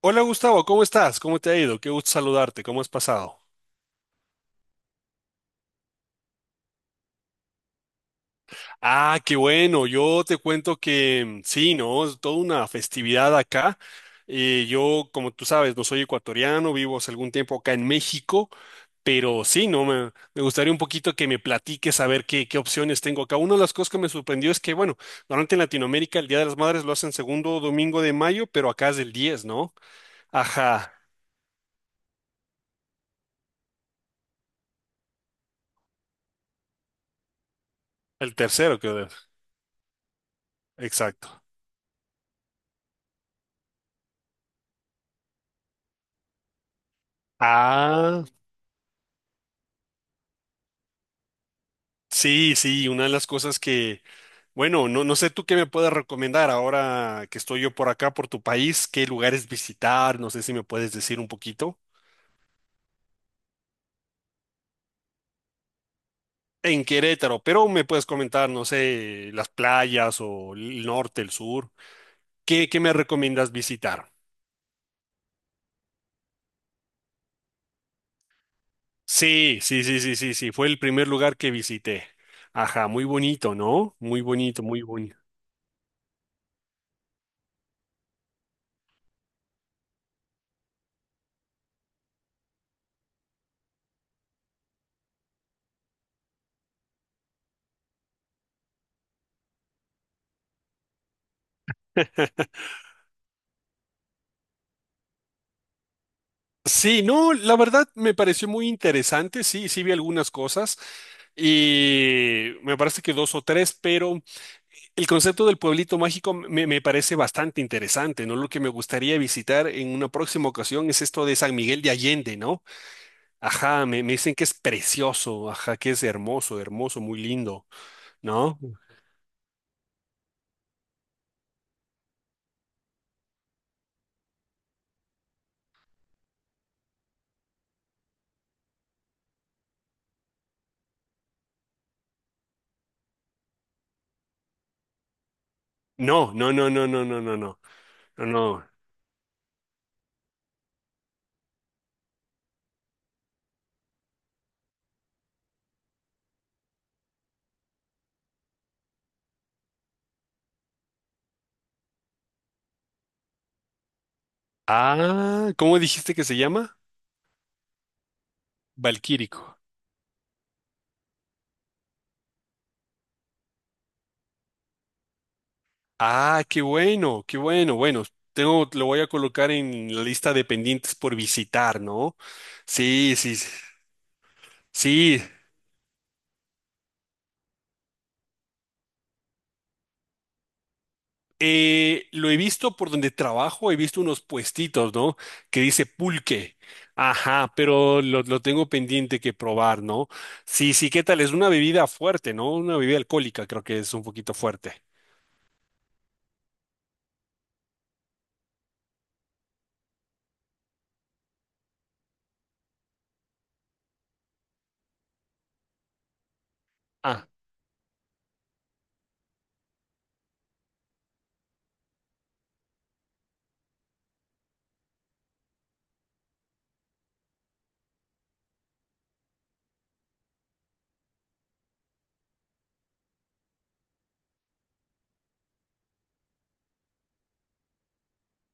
Hola Gustavo, ¿cómo estás? ¿Cómo te ha ido? Qué gusto saludarte, ¿cómo has pasado? Ah, qué bueno, yo te cuento que sí, ¿no? Es toda una festividad acá. Yo, como tú sabes, no soy ecuatoriano, vivo hace algún tiempo acá en México, pero sí, ¿no? Me gustaría un poquito que me platiques a ver qué opciones tengo acá. Una de las cosas que me sorprendió es que, bueno, normalmente en Latinoamérica el Día de las Madres lo hacen segundo domingo de mayo, pero acá es el diez, ¿no? Ajá, el tercero, creo. Exacto. Ah, sí, sí, una de las cosas que, bueno, no, no sé tú qué me puedes recomendar ahora que estoy yo por acá, por tu país, qué lugares visitar, no sé si me puedes decir un poquito. En Querétaro, pero me puedes comentar, no sé, las playas o el norte, el sur. ¿Qué me recomiendas visitar? Sí, sí, sí, sí, sí, sí, fue el primer lugar que visité. Ajá, muy bonito, ¿no? Muy bonito, muy bonito. Sí, no, la verdad me pareció muy interesante, sí, sí vi algunas cosas y me parece que dos o tres, pero el concepto del pueblito mágico me parece bastante interesante, ¿no? Lo que me gustaría visitar en una próxima ocasión es esto de San Miguel de Allende, ¿no? Ajá, me dicen que es precioso, ajá, que es hermoso, hermoso, muy lindo, ¿no? No, no, no, no, no, no, no, no, no, no. Ah, ¿cómo dijiste que se llama? Valquírico. Ah, qué bueno, qué bueno. Bueno, tengo, lo voy a colocar en la lista de pendientes por visitar, ¿no? Sí, sí, sí. Sí. Lo he visto por donde trabajo, he visto unos puestitos, ¿no? Que dice pulque. Ajá, pero lo tengo pendiente que probar, ¿no? Sí, sí, ¿qué tal? Es una bebida fuerte, ¿no? Una bebida alcohólica, creo que es un poquito fuerte. Ah,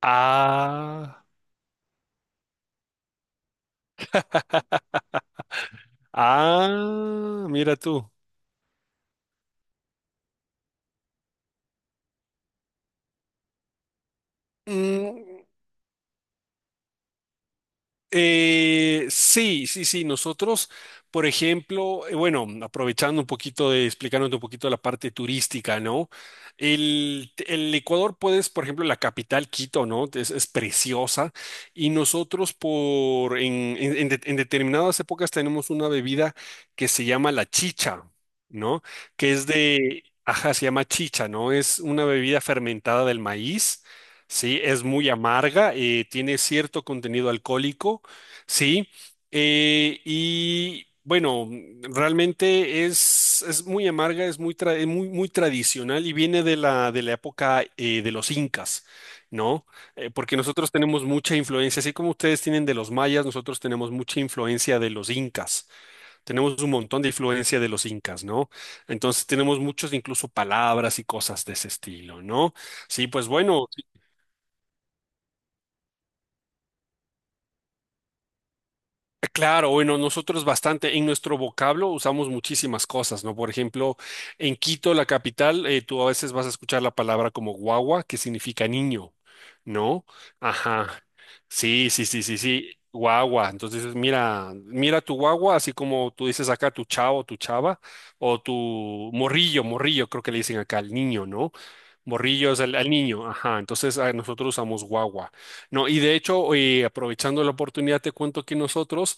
ah, ah, mira tú. Mm. Sí, sí, sí. Nosotros, por ejemplo, bueno, aprovechando un poquito de, explicándote un poquito la parte turística, ¿no? El Ecuador puedes, por ejemplo, la capital Quito, ¿no? Es preciosa. Y nosotros por, en de- en determinadas épocas tenemos una bebida que se llama la chicha, ¿no? Que es de, ajá, se llama chicha, ¿no? Es una bebida fermentada del maíz. Sí, es muy amarga, tiene cierto contenido alcohólico. Sí, y bueno, realmente es, muy amarga, es muy tradicional y viene de la época de los incas, ¿no? Porque nosotros tenemos mucha influencia, así como ustedes tienen de los mayas, nosotros tenemos mucha influencia de los incas, tenemos un montón de influencia de los incas, ¿no? Entonces tenemos muchos incluso palabras y cosas de ese estilo, ¿no? Sí, pues bueno. Claro, bueno, nosotros bastante, en nuestro vocablo usamos muchísimas cosas, ¿no? Por ejemplo, en Quito, la capital, tú a veces vas a escuchar la palabra como guagua, que significa niño, ¿no? Ajá. Sí, sí, sí, sí, sí, guagua. Entonces, mira, mira tu guagua, así como tú dices acá tu chavo, tu chava, o tu morrillo, morrillo, creo que le dicen acá al niño, ¿no? Morrillo es al niño, ajá. Entonces, nosotros usamos guagua. No, y de hecho, aprovechando la oportunidad, te cuento que nosotros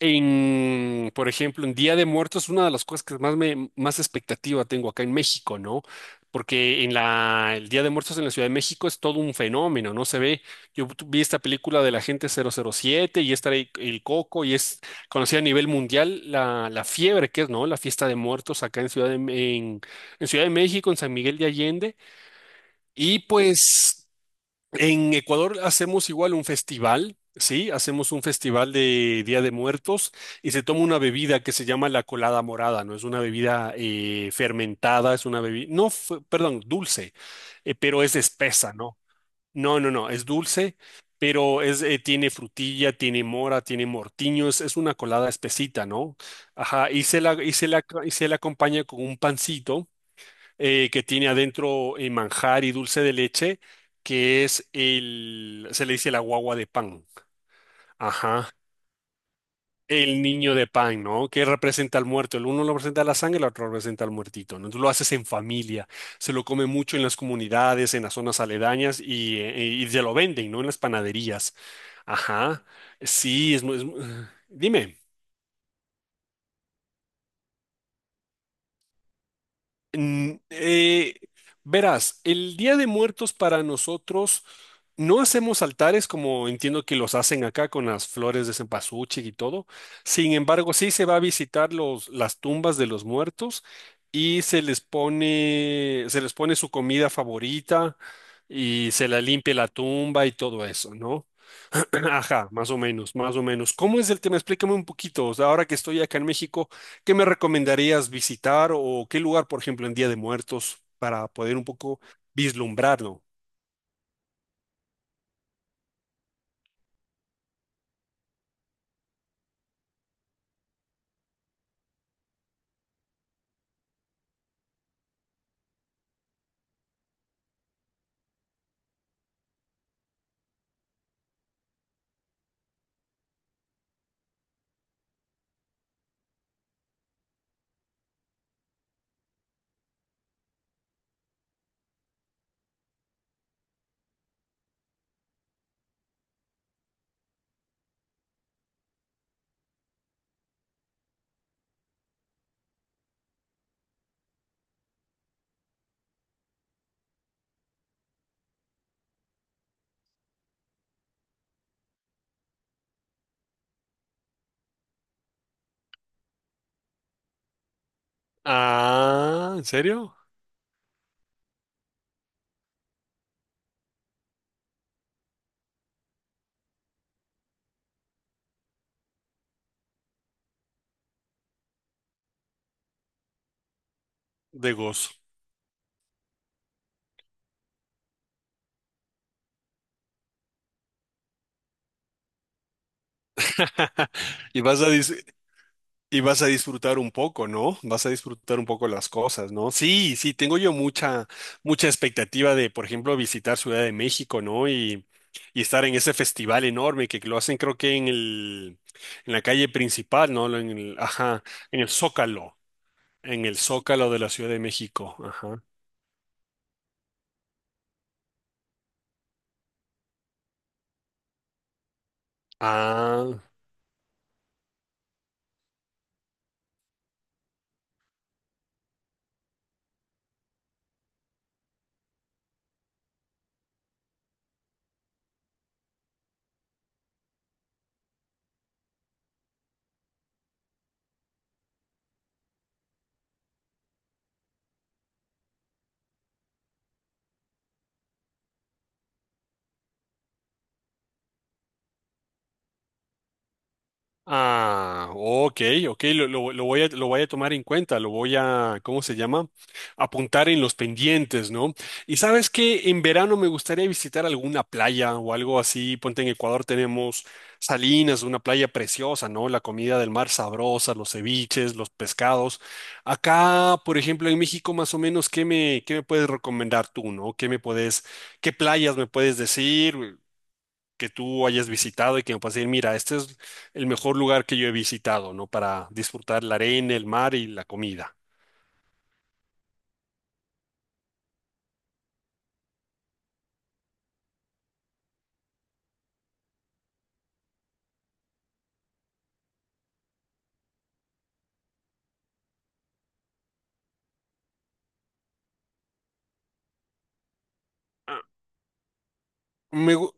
en, por ejemplo, en Día de Muertos, una de las cosas que más expectativa tengo acá en México, ¿no? Porque el Día de Muertos en la Ciudad de México es todo un fenómeno, ¿no? Se ve, yo vi esta película de la gente 007 y está el Coco y es conocida a nivel mundial la fiebre que es, ¿no? La fiesta de muertos acá en en Ciudad de México, en San Miguel de Allende. Y pues. En Ecuador hacemos igual un festival, ¿sí? Hacemos un festival de Día de Muertos y se toma una bebida que se llama la colada morada, ¿no? Es una bebida fermentada, es una bebida, no, perdón, dulce, pero es espesa, ¿no? No, no, no, es dulce, pero tiene frutilla, tiene mora, tiene mortiño, es, una colada espesita, ¿no? Ajá, y se la acompaña con un pancito que tiene adentro manjar y dulce de leche, que se le dice la guagua de pan. Ajá. El niño de pan, ¿no? Que representa al muerto. El uno lo representa la sangre, el otro representa al muertito, ¿no? Entonces lo haces en familia. Se lo come mucho en las comunidades, en las zonas aledañas y se lo venden, ¿no? En las panaderías. Ajá. Sí, dime. Mm, eh, Verás, el Día de Muertos para nosotros no hacemos altares como entiendo que los hacen acá con las flores de cempasúchil y todo. Sin embargo, sí se va a visitar las tumbas de los muertos y se les pone su comida favorita y se la limpia la tumba y todo eso, ¿no? Ajá, más o menos, más o menos. ¿Cómo es el tema? Explícame un poquito. O sea, ahora que estoy acá en México, ¿qué me recomendarías visitar o qué lugar, por ejemplo, en Día de Muertos para poder un poco vislumbrarlo? Ah, ¿en serio? De gozo. Y vas a decir, Y vas a disfrutar un poco, ¿no? Vas a disfrutar un poco las cosas, ¿no? Sí, sí, tengo yo mucha, mucha expectativa de, por ejemplo, visitar Ciudad de México, ¿no? Y estar en ese festival enorme que lo hacen, creo que en el, en la calle principal, ¿no? Ajá, en el Zócalo, en el Zócalo de la Ciudad de México, ajá. Ah. Ah, ok, ok, lo voy a tomar en cuenta, lo voy a, ¿cómo se llama? Apuntar en los pendientes, ¿no? Y sabes que en verano me gustaría visitar alguna playa o algo así, ponte en Ecuador tenemos Salinas, una playa preciosa, ¿no? La comida del mar sabrosa, los ceviches, los pescados. Acá, por ejemplo, en México, más o menos, ¿qué me puedes recomendar tú, ¿no? ¿Qué playas me puedes decir? Que tú hayas visitado y que me puedas decir, mira, este es el mejor lugar que yo he visitado, ¿no? Para disfrutar la arena, el mar y la comida. Ah, Me, gu-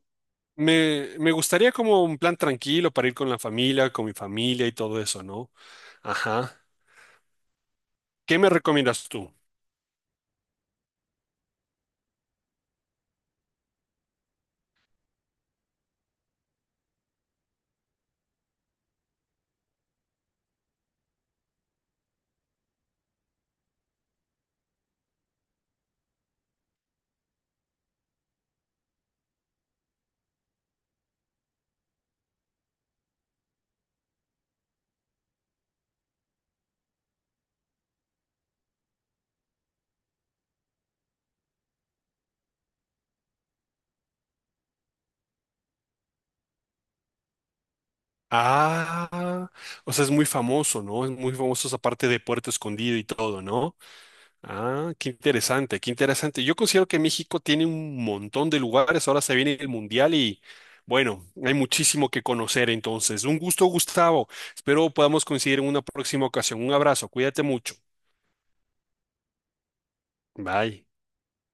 me gustaría como un plan tranquilo para ir con la familia, con mi familia y todo eso, ¿no? Ajá. ¿Qué me recomiendas tú? Ah, o sea, es muy famoso, ¿no? Es muy famoso esa parte de Puerto Escondido y todo, ¿no? Ah, qué interesante, qué interesante. Yo considero que México tiene un montón de lugares. Ahora se viene el Mundial y bueno, hay muchísimo que conocer entonces. Un gusto, Gustavo. Espero podamos coincidir en una próxima ocasión. Un abrazo, cuídate mucho. Bye.